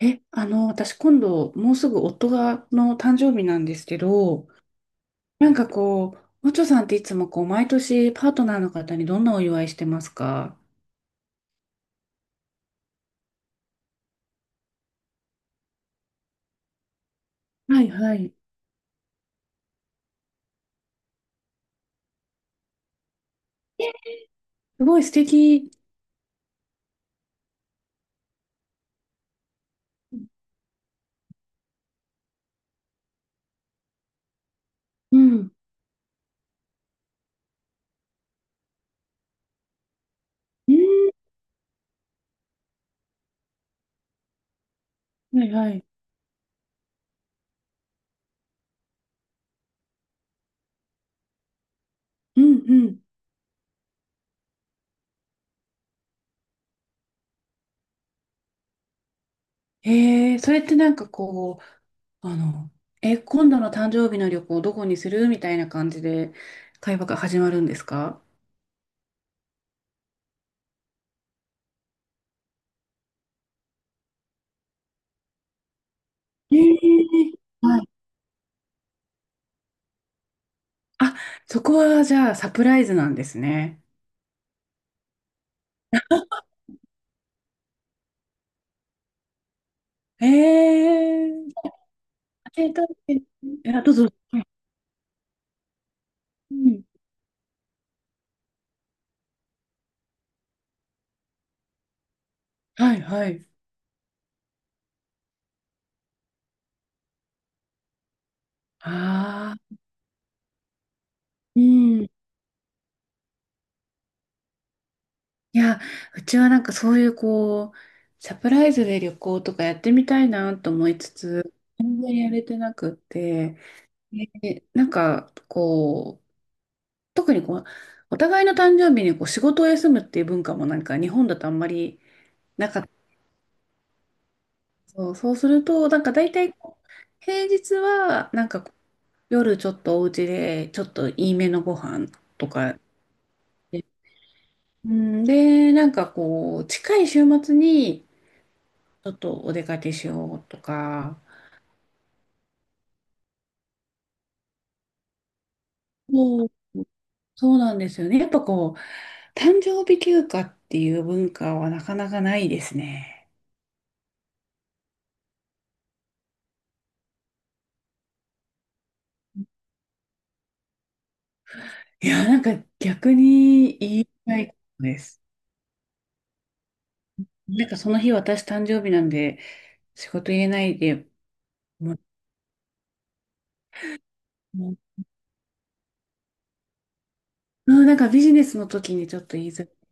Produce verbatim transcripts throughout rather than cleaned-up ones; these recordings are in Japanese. え、あの、私今度、もうすぐ夫が、の誕生日なんですけど、なんかこう、おちょさんっていつもこう、毎年パートナーの方にどんなお祝いしてますか？はいはい。え、すごい素敵。うん。うん、はいはい。うんうん。えー、それってなんかこう、あの、え、今度の誕生日の旅行どこにするみたいな感じで会話が始まるんですか？えー、はい。あ、そこはじゃあサプライズなんですね。ええー。生体検査、あ、どうぞ。うん。はい、はい。ああ、うん。いや、うちはなんかそういうこう、サプライズで旅行とかやってみたいなと思いつつ、全然やれてなくって、で、なんかこう、特にこう、お互いの誕生日にこう仕事を休むっていう文化もなんか日本だとあんまりなかった。そう、そうすると、なんか大体こう、平日はなんかこ夜ちょっとお家で、ちょっといいめのご飯とかで、うん、で、なんかこう、近い週末に、ちょっとお出かけしようとか、そう、そうなんですよね。やっぱこう、誕生日休暇っていう文化はなかなかないですね。いや、なんか逆に言いたいことです。なんかその日私誕生日なんで、仕事入れないで、もう、もう、うん、なんかビジネスの時にちょっと言いづらい。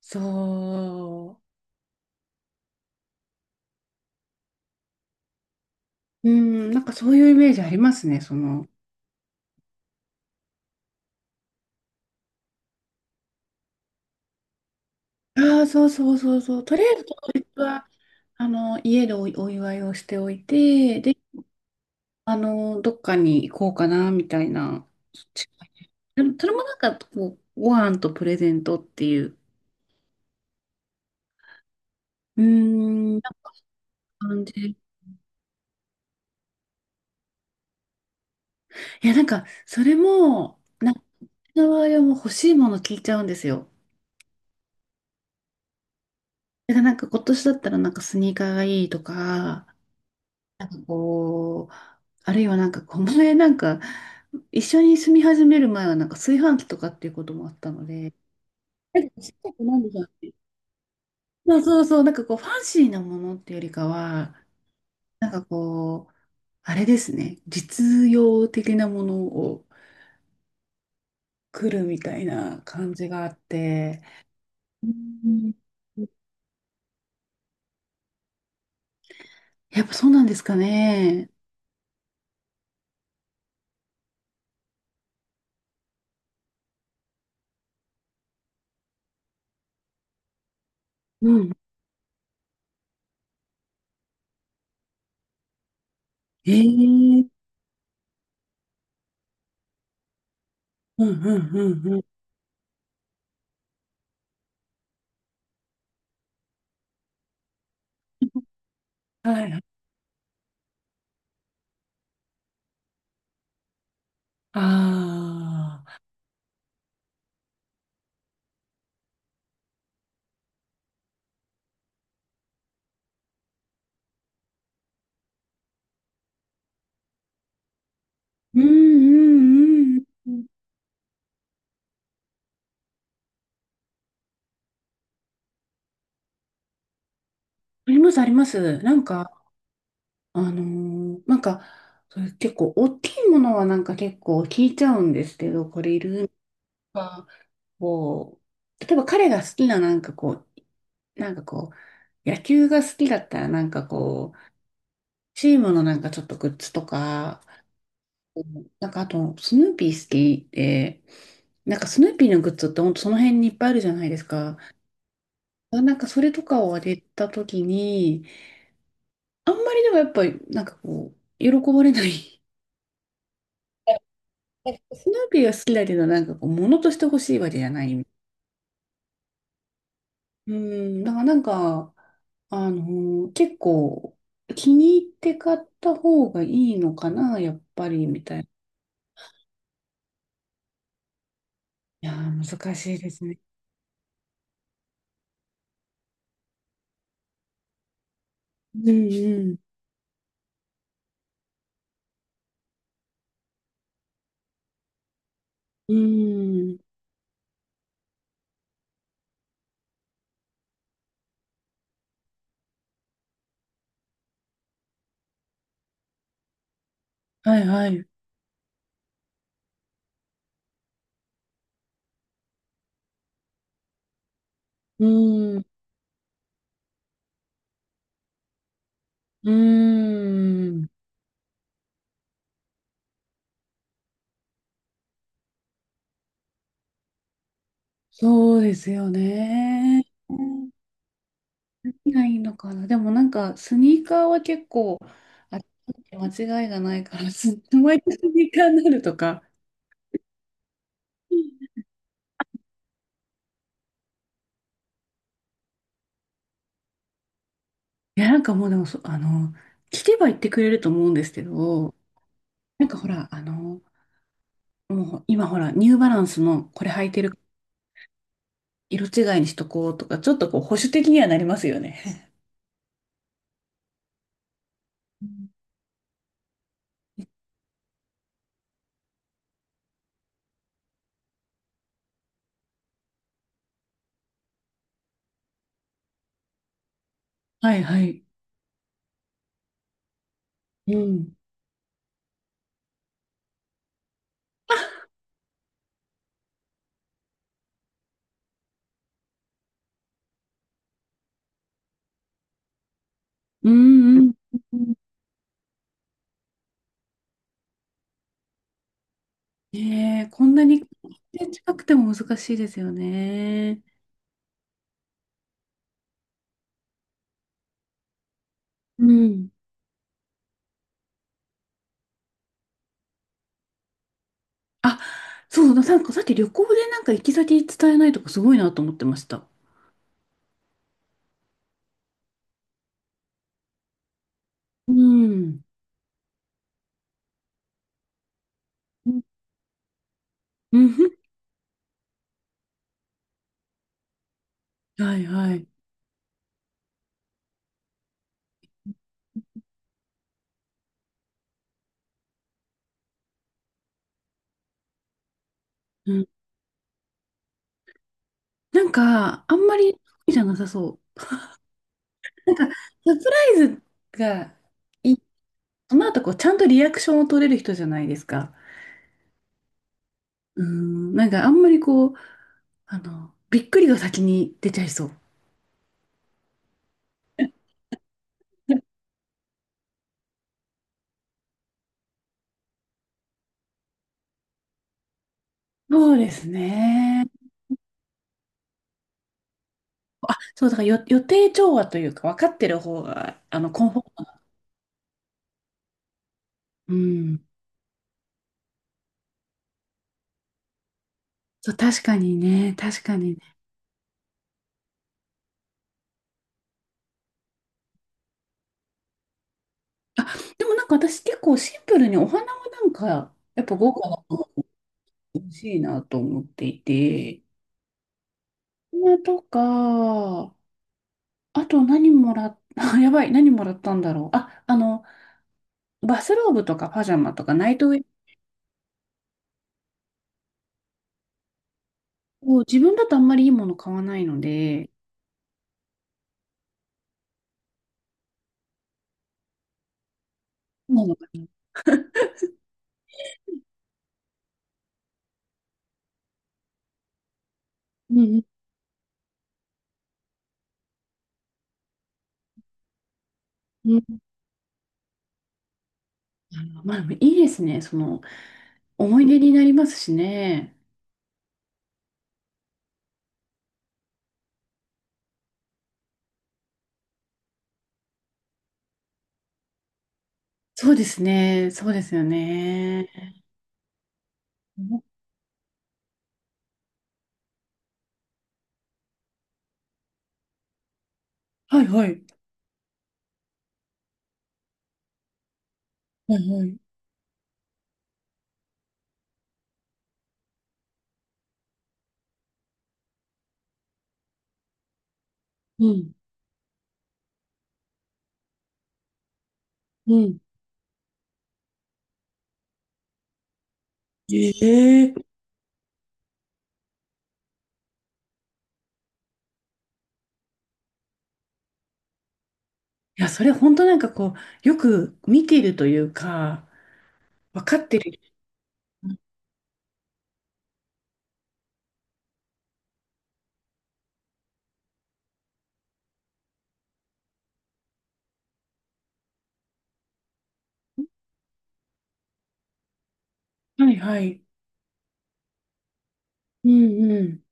そう。うん、なんかそういうイメージありますね、その。ああ、そうそうそうそう。とりあえず当日は、あの、家でお、お祝いをしておいて、で、あの、どっかに行こうかな、みたいな。近い、でも、それもなんか、こう、ご飯とプレゼントっていう、うーん、なんか感じ。いや、なんか、それも、なんか、うの場合はもう欲しいもの聞いちゃうんですよ。だからなんか、今年だったらなんかスニーカーがいいとか、こう、あるいはなんか、この前なんか、一緒に住み始める前はなんか炊飯器とかっていうこともあったので、なんかちっちゃくなんでしょうね。そうそうそう、なんかこう、ファンシーなものっていうよりかは、なんかこう、あれですね、実用的なものを来るみたいな感じがあって、うん、やっぱそうなんですかね。うん。ええ、うんうんうんうん。はい。ああ。うんうんうんうん。あります、あります。なんか、あのーなんか、そういう結構大きいものはなんか結構聞いちゃうんですけど、これいるか、こう、例えば彼が好きななんかこう、なんかこう、野球が好きだったらなんかこう、チームのなんかちょっとグッズとか、なんかあと、スヌーピー好きで、なんかスヌーピーのグッズってほんとその辺にいっぱいあるじゃないですか。なんかそれとかをあげたときに、あんまりでもやっぱり、なんかこう、喜ばれない。え、スヌーピーが好きだけど、なんかこう、物として欲しいわけじゃない。うん、だからなんか、あのー結構、気に入って買った方がいいのかな、やっぱり、みたいな。いやー、難しいですね。うんうん。うん。はいはい。うん。うん。そうですよね。何がいいのかな。でもなんか、スニーカーは結構、あ、間違いがないから、すホワイ回スニーカーになるとか。いや、なんかもうでもそ、あの、聞けば言ってくれると思うんですけど、なんかほら、あの、もう今ほら、ニューバランスのこれ履いてる色違いにしとこうとか、ちょっとこう保守的にはなりますよね。うん、はいはい。うん。うんうんうん。ねえ、こんなに近くても難しいですよね。うん。あ、そう、なんかさっき旅行でなんか行き先伝えないとかすごいなと思ってました。うん。うんうんふん、はいはい。うん。なんか、あんまり好きじゃなさそう。なんか、サプライズがいい、その後こう、ちゃんとリアクションを取れる人じゃないですか。うん。なんか、あんまりこう、あの、びっくりが先に出ちゃいそう。そうですね。そう、だからよ予定調和というか、分かってる方が、あの、コンフォート。うん。そう、確かにね、確かに。あ、でもなんか私結構シンプルにお花はなんか、やっぱ豪華なのが欲しいなと思っていて、お花とか、あと何もらっ、あ、やばい、何もらったんだろう。あ、あの、バスローブとかパジャマとかナイトウェアを自分だとあんまりいいもの買わないので、そうなのかな。うんうんうん。あのまあ、いいですね。その、思い出になりますしね。そうですね。そうですよね。はいはい。はいはい。うん。うん。ええ、いや、それ本当なんかこう、よく見ているというか、分かってる。はいはい。うんうん。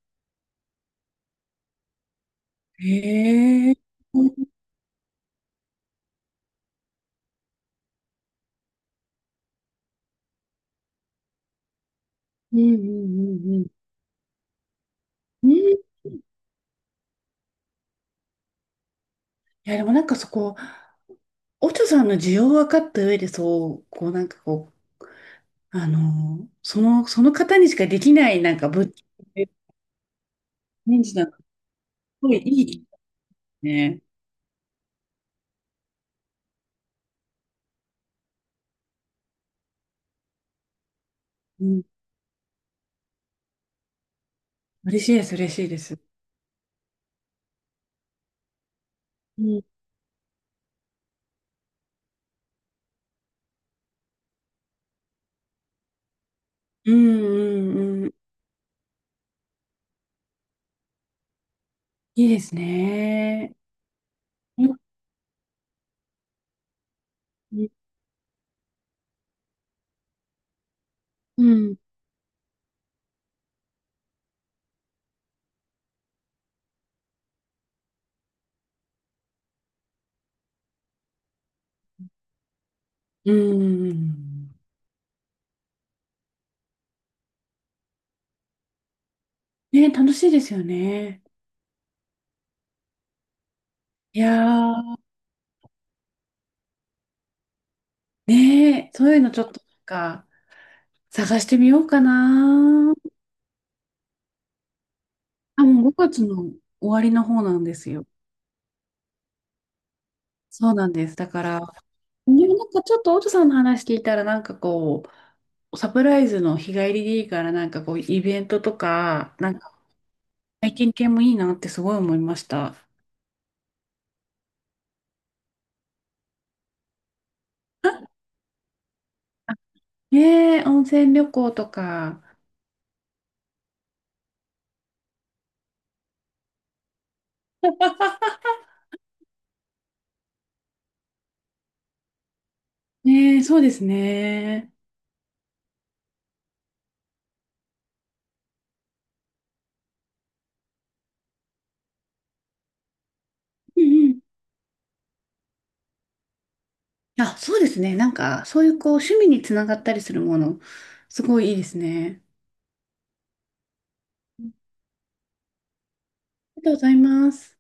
ええ、うんうんうんうん。うん。いや、でもなんかそこ、おちょさんの需要を分かった上で、そう、こうなんかこう、あのーその、その方にしかできないなんか物件ってレンジなんか、すごいいいね。うん。嬉しいです、嬉しいです。うん。うんうんうん。いいですね。うん。うん。うーん。ね、楽しいですよね。いやー、ね、そういうのちょっとなんか探してみようかな。あ、もうごがつの終わりの方なんですよ。そうなんです。だから、ね、なんかちょっとオトさんの話聞いたらなんかこう、サプライズの日帰りでいいからなんかこう、イベントとか、なんか体験系もいいなってすごい思いました。ねえ、温泉旅行とか。ねえ、そうですね。うんうん、あ、そうですね。なんか、そういうこう、趣味につながったりするもの、すごいいいですね。ありがとうございます。